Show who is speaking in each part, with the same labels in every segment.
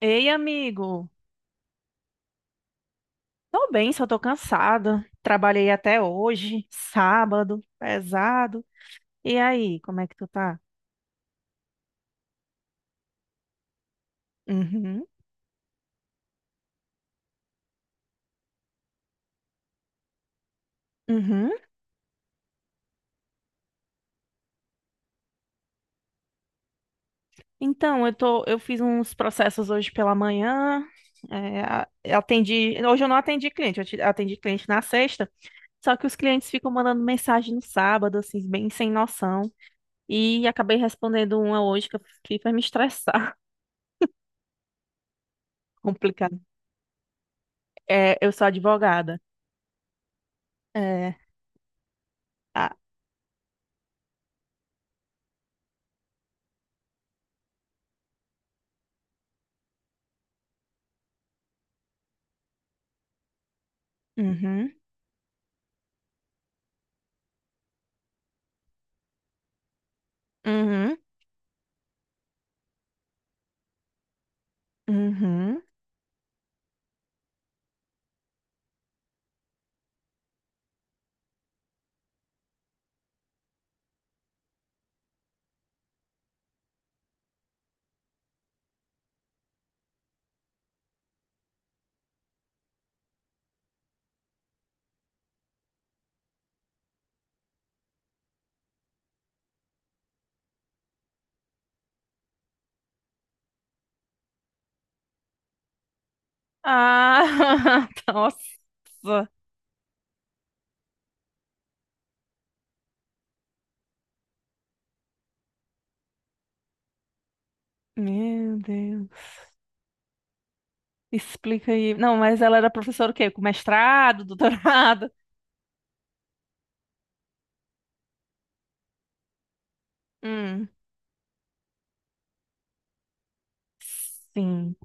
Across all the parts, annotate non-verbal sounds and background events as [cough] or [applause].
Speaker 1: Ei, amigo. Tô bem, só tô cansada. Trabalhei até hoje, sábado, pesado. E aí, como é que tu tá? Uhum, uhum. Então, eu fiz uns processos hoje pela manhã. Hoje eu não atendi cliente, atendi cliente na sexta. Só que os clientes ficam mandando mensagem no sábado, assim, bem sem noção. E acabei respondendo uma hoje que eu fiquei pra me estressar. [laughs] Complicado. É, eu sou advogada. É. Ah, uhum, uhum. Uhum. Ah, [laughs] nossa. Meu Deus. Explica aí. Não, mas ela era professora o quê? Com mestrado, [laughs] doutorado? Hum. Sim.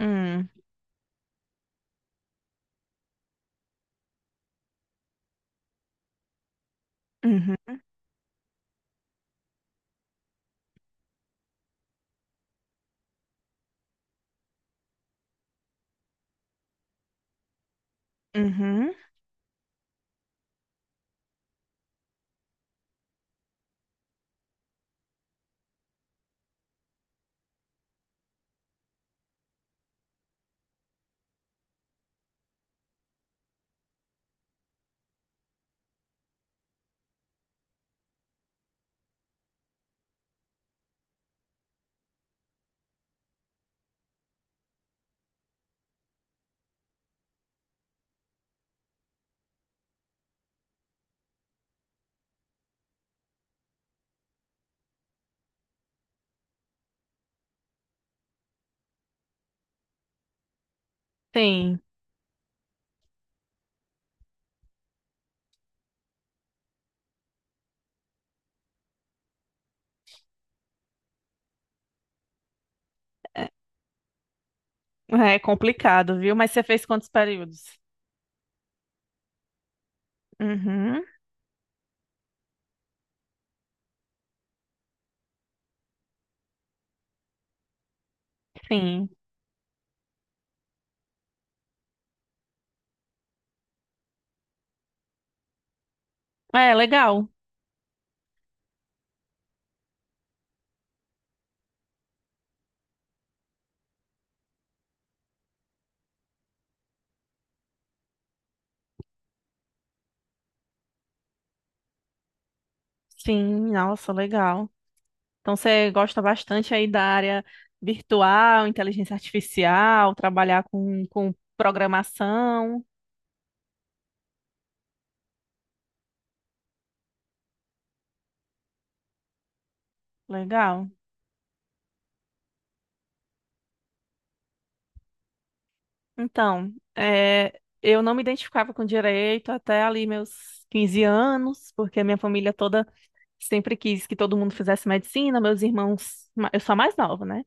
Speaker 1: Hum. Uhum. Uhum. Sim. É, é complicado, viu? Mas você fez quantos períodos? Uhum. Sim. É, legal. Sim, nossa, legal. Então você gosta bastante aí da área virtual, inteligência artificial, trabalhar com programação. Legal. Então, eu não me identificava com direito até ali meus 15 anos, porque a minha família toda sempre quis que todo mundo fizesse medicina. Meus irmãos, eu sou a mais nova, né?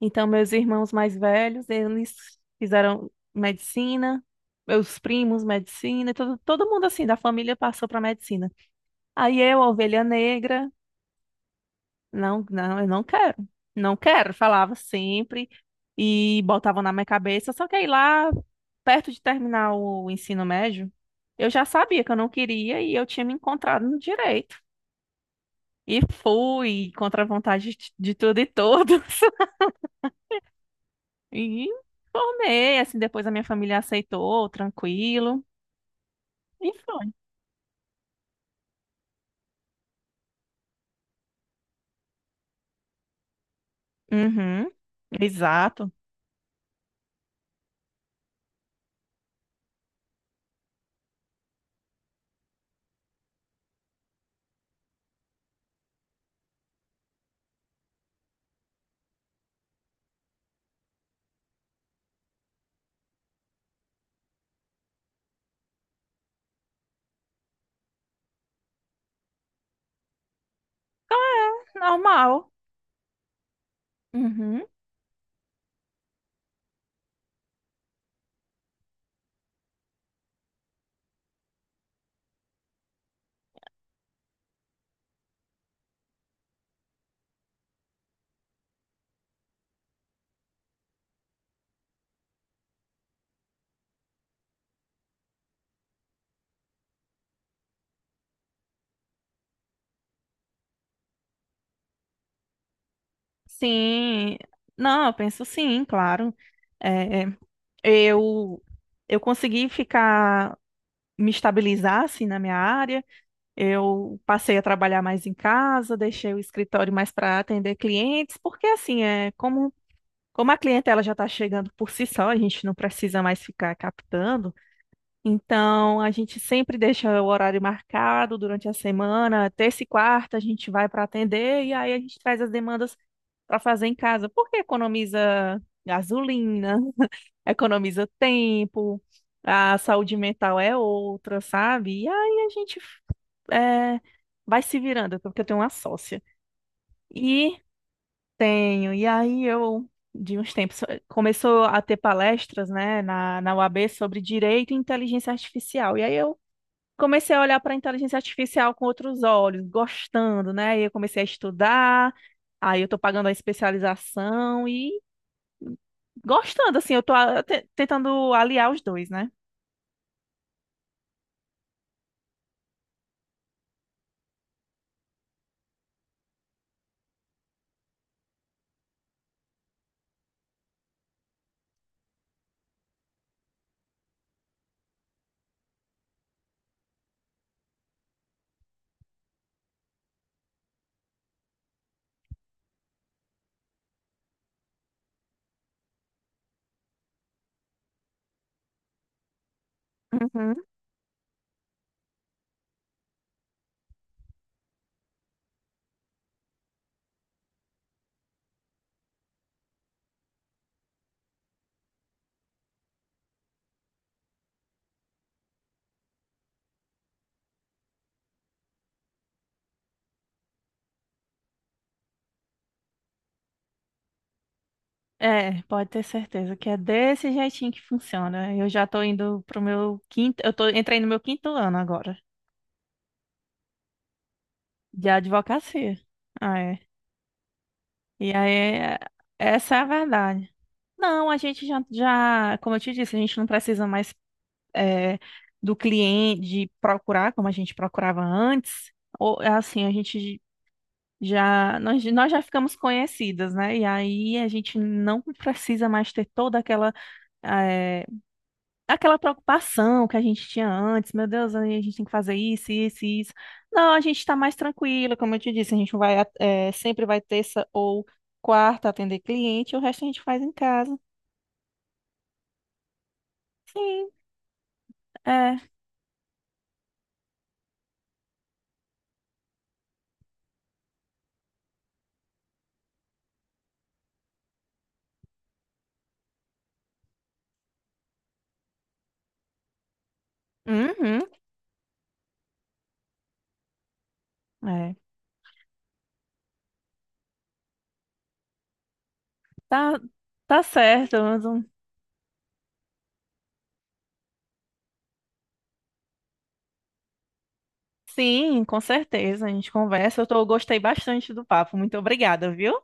Speaker 1: Então, meus irmãos mais velhos, eles fizeram medicina, meus primos, medicina, e todo mundo assim da família passou para medicina. Aí eu, a ovelha negra, não, não, eu não quero. Não quero, falava sempre e botavam na minha cabeça. Só que aí lá, perto de terminar o ensino médio, eu já sabia que eu não queria e eu tinha me encontrado no direito. E fui contra a vontade de tudo e todos. [laughs] E formei, assim, depois a minha família aceitou, tranquilo. E foi. Uhum, exato. Normal. Uhum. Sim. Não, eu penso sim, claro. É, Eu, eu consegui ficar, me estabilizar assim na minha área. Eu passei a trabalhar mais em casa, deixei o escritório mais para atender clientes, porque assim, é como a clientela já está chegando por si só, a gente não precisa mais ficar captando. Então, a gente sempre deixa o horário marcado durante a semana, terça e quarta a gente vai para atender e aí a gente traz as demandas para fazer em casa, porque economiza gasolina, economiza tempo, a saúde mental é outra, sabe? E aí a gente é, vai se virando, porque eu tenho uma sócia. E tenho, e aí eu, de uns tempos, começou a ter palestras, né, na UAB sobre direito e inteligência artificial. E aí eu comecei a olhar para a inteligência artificial com outros olhos, gostando, né? E eu comecei a estudar, aí eu estou pagando a especialização e gostando, assim, eu estou tentando aliar os dois, né? Uhum. É, pode ter certeza que é desse jeitinho que funciona. Eu já tô indo pro meu quinto, entrei no meu quinto ano agora, de advocacia. Ah, é. E aí, essa é a verdade. Não, a gente já, como eu te disse, a gente não precisa mais é, do cliente, de procurar como a gente procurava antes. Ou, é assim, a gente já, nós já ficamos conhecidas, né? E aí a gente não precisa mais ter toda é, aquela preocupação que a gente tinha antes, meu Deus, a gente tem que fazer isso, isso, isso. Não, a gente está mais tranquila, como eu te disse, a gente sempre vai terça ou quarta atender cliente, e o resto a gente faz em casa. Sim, é. Uhum, é. Tá, tá certo. Sim, com certeza, a gente conversa. Eu gostei bastante do papo. Muito obrigada, viu?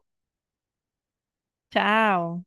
Speaker 1: Tchau.